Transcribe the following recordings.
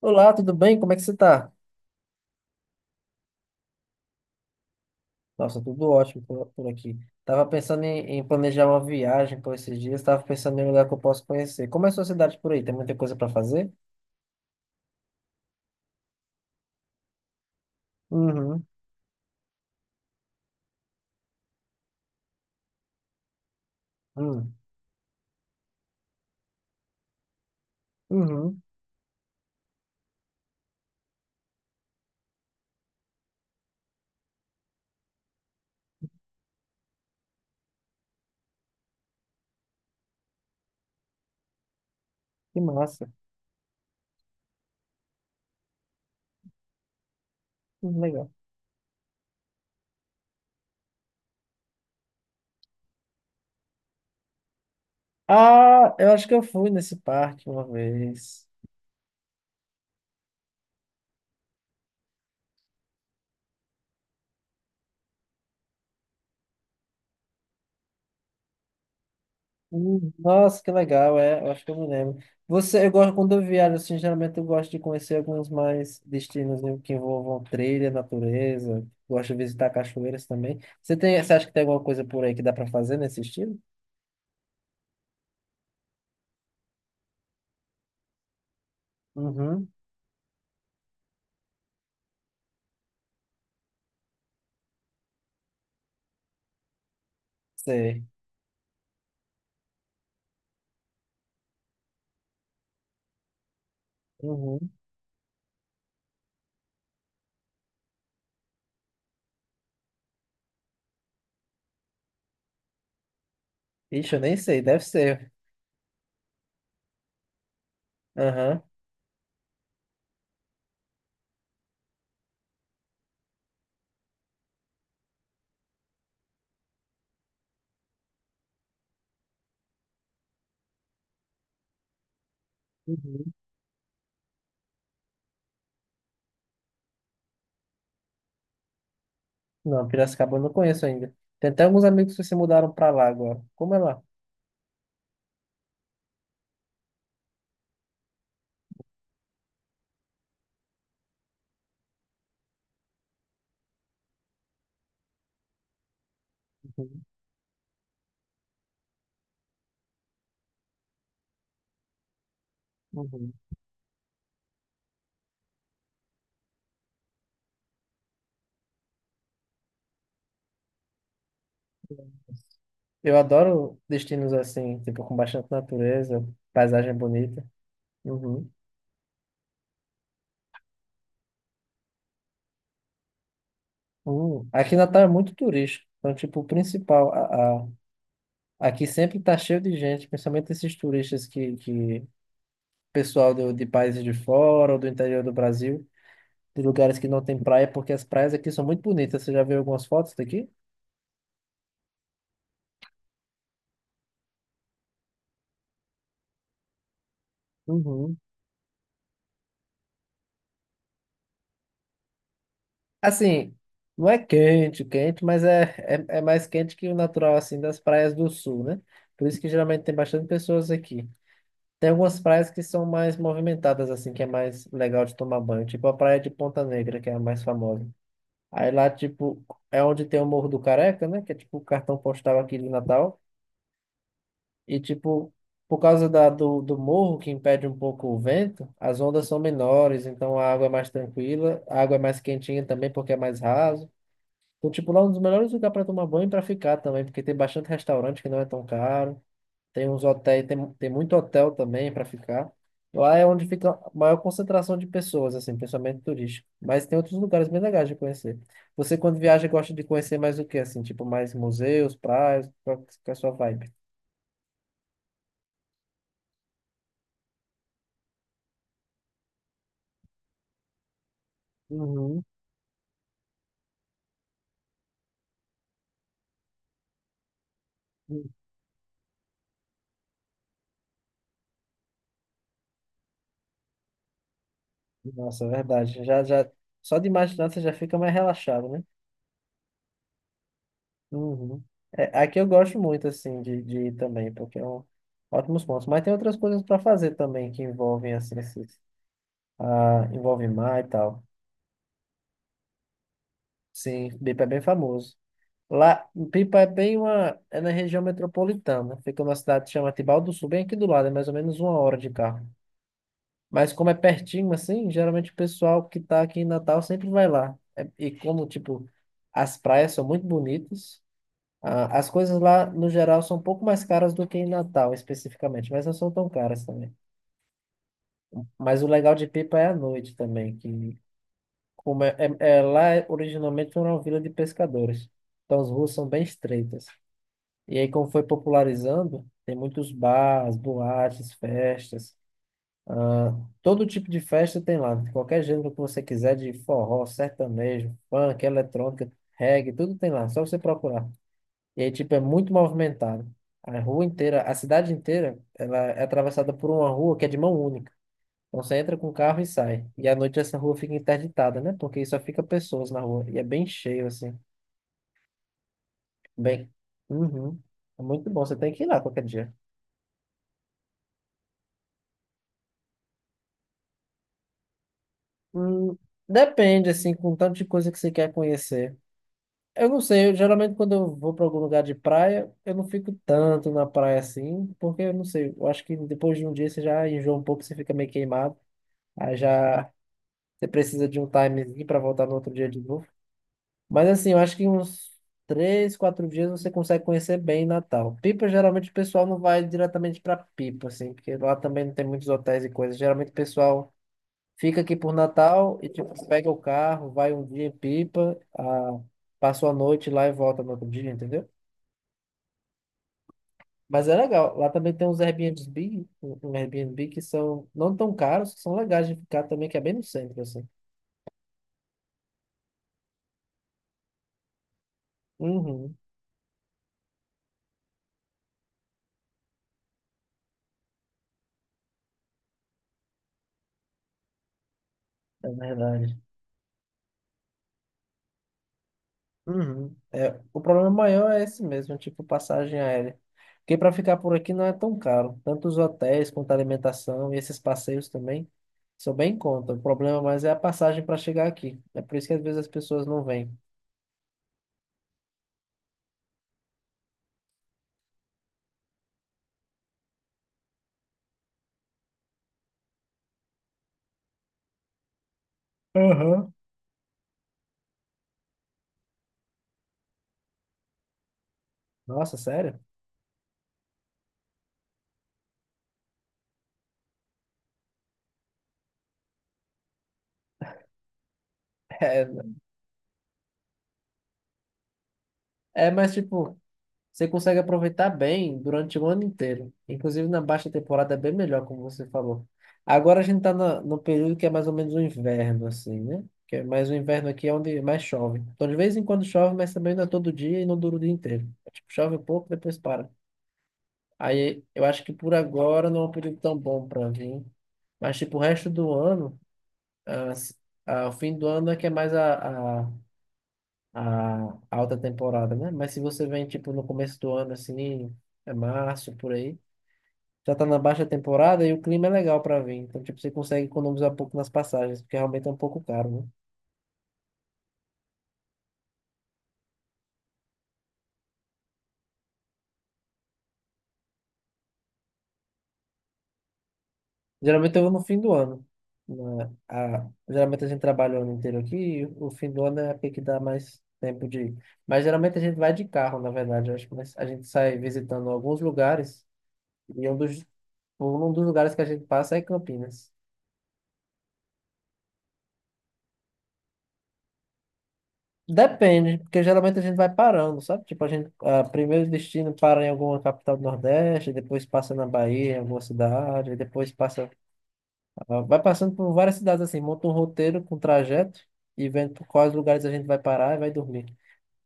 Olá, tudo bem? Como é que você tá? Nossa, tudo ótimo por aqui. Tava pensando em planejar uma viagem por esses dias, tava pensando em um lugar que eu posso conhecer. Como é a sua cidade por aí? Tem muita coisa para fazer? Uhum, uhum, uhum. Que massa. Legal. Ah, eu acho que eu fui nesse parque uma vez. Nossa, que legal, é, eu acho que eu me lembro. Você, eu gosto, quando eu viajo, assim, geralmente eu gosto de conhecer alguns mais destinos né, que envolvam trilha, natureza, gosto de visitar cachoeiras também. Você tem, você acha que tem alguma coisa por aí que dá para fazer nesse estilo? Uhum, sei. Uhum. Ixi, eu nem sei, deve ser. Aham. Uhum. Não, Piracicaba eu não conheço ainda. Tem até alguns amigos que se mudaram para lá agora. Como é lá? Uhum. Uhum. Eu adoro destinos assim, tipo, com bastante natureza, paisagem bonita. Uhum. Uhum. Aqui Natal é muito turístico. Então, tipo, o principal, aqui sempre tá cheio de gente, principalmente esses turistas que pessoal de países de fora ou do interior do Brasil, de lugares que não tem praia, porque as praias aqui são muito bonitas. Você já viu algumas fotos daqui? Uhum. Assim, não é quente, quente, mas é mais quente que o natural, assim, das praias do sul, né? Por isso que geralmente tem bastante pessoas aqui. Tem algumas praias que são mais movimentadas, assim, que é mais legal de tomar banho. Tipo a praia de Ponta Negra, que é a mais famosa. Aí lá, tipo, é onde tem o Morro do Careca, né? Que é tipo o cartão postal aqui de Natal. E, tipo, por causa do morro, que impede um pouco o vento, as ondas são menores, então a água é mais tranquila. A água é mais quentinha também, porque é mais raso. Então, tipo, lá é um dos melhores lugares para tomar banho e para ficar também, porque tem bastante restaurante que não é tão caro. Tem uns hotéis, tem muito hotel também para ficar. Lá é onde fica a maior concentração de pessoas, assim, principalmente turístico. Mas tem outros lugares bem legais de conhecer. Você, quando viaja, gosta de conhecer mais o quê, assim? Tipo, mais museus, praias? Qual que é a sua vibe? Uhum. Uhum. Nossa, é verdade. Já, já, só de imaginar você já fica mais relaxado, né? Uhum. É, aqui eu gosto muito, assim, de ir também, porque é um ótimos pontos. Mas tem outras coisas para fazer também que envolvem, assim, esses, ah, envolve mar e tal. Sim, Pipa é bem famoso. Lá, Pipa é bem uma. É na região metropolitana. Fica numa cidade que chama Tibau do Sul, bem aqui do lado, é mais ou menos 1 hora de carro. Mas como é pertinho, assim, geralmente o pessoal que tá aqui em Natal sempre vai lá. E como, tipo, as praias são muito bonitas, as coisas lá, no geral, são um pouco mais caras do que em Natal, especificamente, mas não são tão caras também. Mas o legal de Pipa é a noite também, que como lá originalmente era uma vila de pescadores. Então as ruas são bem estreitas. E aí, como foi popularizando, tem muitos bares, boates, festas. Ah, todo tipo de festa tem lá, de qualquer gênero que você quiser, de forró, sertanejo, funk, eletrônica, reggae, tudo tem lá, só você procurar. E aí, tipo, é muito movimentado. A rua inteira, a cidade inteira, ela é atravessada por uma rua que é de mão única. Então você entra com o carro e sai. E à noite essa rua fica interditada, né? Porque só fica pessoas na rua. E é bem cheio, assim. Bem. Uhum. É muito bom. Você tem que ir lá qualquer dia. Hum, depende, assim, com o tanto de coisa que você quer conhecer. Eu não sei, eu, geralmente quando eu vou para algum lugar de praia, eu não fico tanto na praia assim, porque eu não sei, eu acho que depois de um dia você já enjoa um pouco, você fica meio queimado, aí já você precisa de um timezinho para voltar no outro dia de novo. Mas assim, eu acho que uns três, quatro dias você consegue conhecer bem Natal. Pipa, geralmente o pessoal não vai diretamente para Pipa, assim, porque lá também não tem muitos hotéis e coisas, geralmente o pessoal. Fica aqui por Natal e tipo, pega o carro, vai um dia em Pipa, ah, passa a noite lá e volta no outro dia, entendeu? Mas é legal. Lá também tem uns Airbnb, um Airbnb que são não tão caros, que são legais de ficar também, que é bem no centro, assim. Uhum, é verdade. Uhum. É, o problema maior é esse mesmo, tipo passagem aérea. Porque para ficar por aqui não é tão caro. Tanto os hotéis quanto a alimentação e esses passeios também são bem em conta. O problema mais é a passagem para chegar aqui. É por isso que às vezes as pessoas não vêm. Aham. Nossa, sério? É, é, mas tipo, você consegue aproveitar bem durante o ano inteiro. Inclusive na baixa temporada é bem melhor, como você falou. Agora a gente está no período que é mais ou menos o inverno, assim, né? Que é mais o inverno aqui é onde mais chove. Então de vez em quando chove, mas também não é todo dia e não dura o dia inteiro. É tipo, chove um pouco, depois para. Aí eu acho que por agora não é um período tão bom para vir. Mas tipo, o resto do ano, as- ah, o fim do ano é que é mais a alta temporada, né? Mas se você vem, tipo, no começo do ano, assim, é março, por aí, já tá na baixa temporada e o clima é legal para vir. Então, tipo, você consegue economizar um pouco nas passagens, porque realmente é um pouco caro, né? Geralmente eu vou no fim do ano. Né? A- geralmente a gente trabalha o ano inteiro aqui e o fim do ano é a que dá mais tempo de ir. Mas geralmente a gente vai de carro, na verdade, eu acho, mas a gente sai visitando alguns lugares e um dos lugares que a gente passa é Campinas. Depende, porque geralmente a gente vai parando, sabe? Tipo, a gente, ah, primeiro destino para em alguma capital do Nordeste, depois passa na Bahia, em alguma cidade, e depois passa, ah, vai passando por várias cidades assim, monta um roteiro com trajeto e vendo por quais lugares a gente vai parar e vai dormir.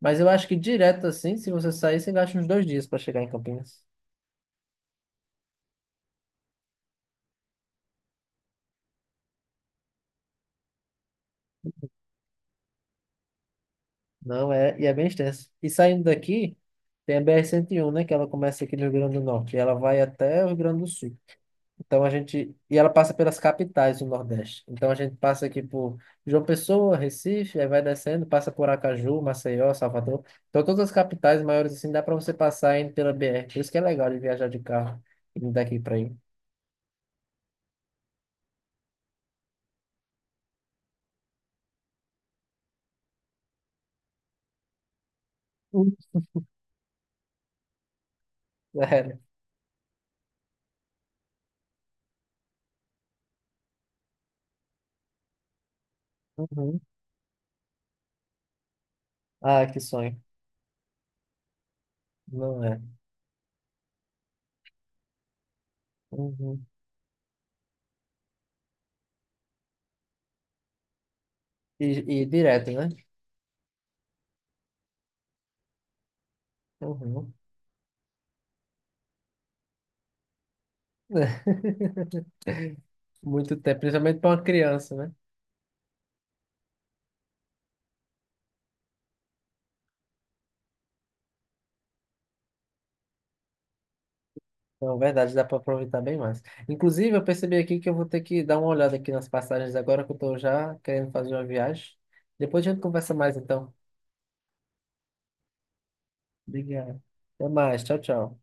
Mas eu acho que direto assim, se você sair, você gasta uns 2 dias para chegar em Campinas. Não é, e é bem extenso. E saindo daqui, tem a BR-101 né? Que ela começa aqui no Rio Grande do Norte e ela vai até o Rio Grande do Sul. Então a gente. E ela passa pelas capitais do Nordeste. Então a gente passa aqui por João Pessoa, Recife, aí vai descendo, passa por Aracaju, Maceió, Salvador. Então todas as capitais maiores assim dá para você passar indo pela BR. Por isso que é legal de viajar de carro indo daqui para aí. Uhum. Sério. Uhum. Ah, que sonho. Não é. Uhum. E, e direto, né? Uhum. Muito tempo, principalmente para uma criança, né? Não, verdade, dá para aproveitar bem mais. Inclusive, eu percebi aqui que eu vou ter que dar uma olhada aqui nas passagens agora que eu estou já querendo fazer uma viagem. Depois a gente conversa mais, então. Obrigado. Até mais, tchau, tchau.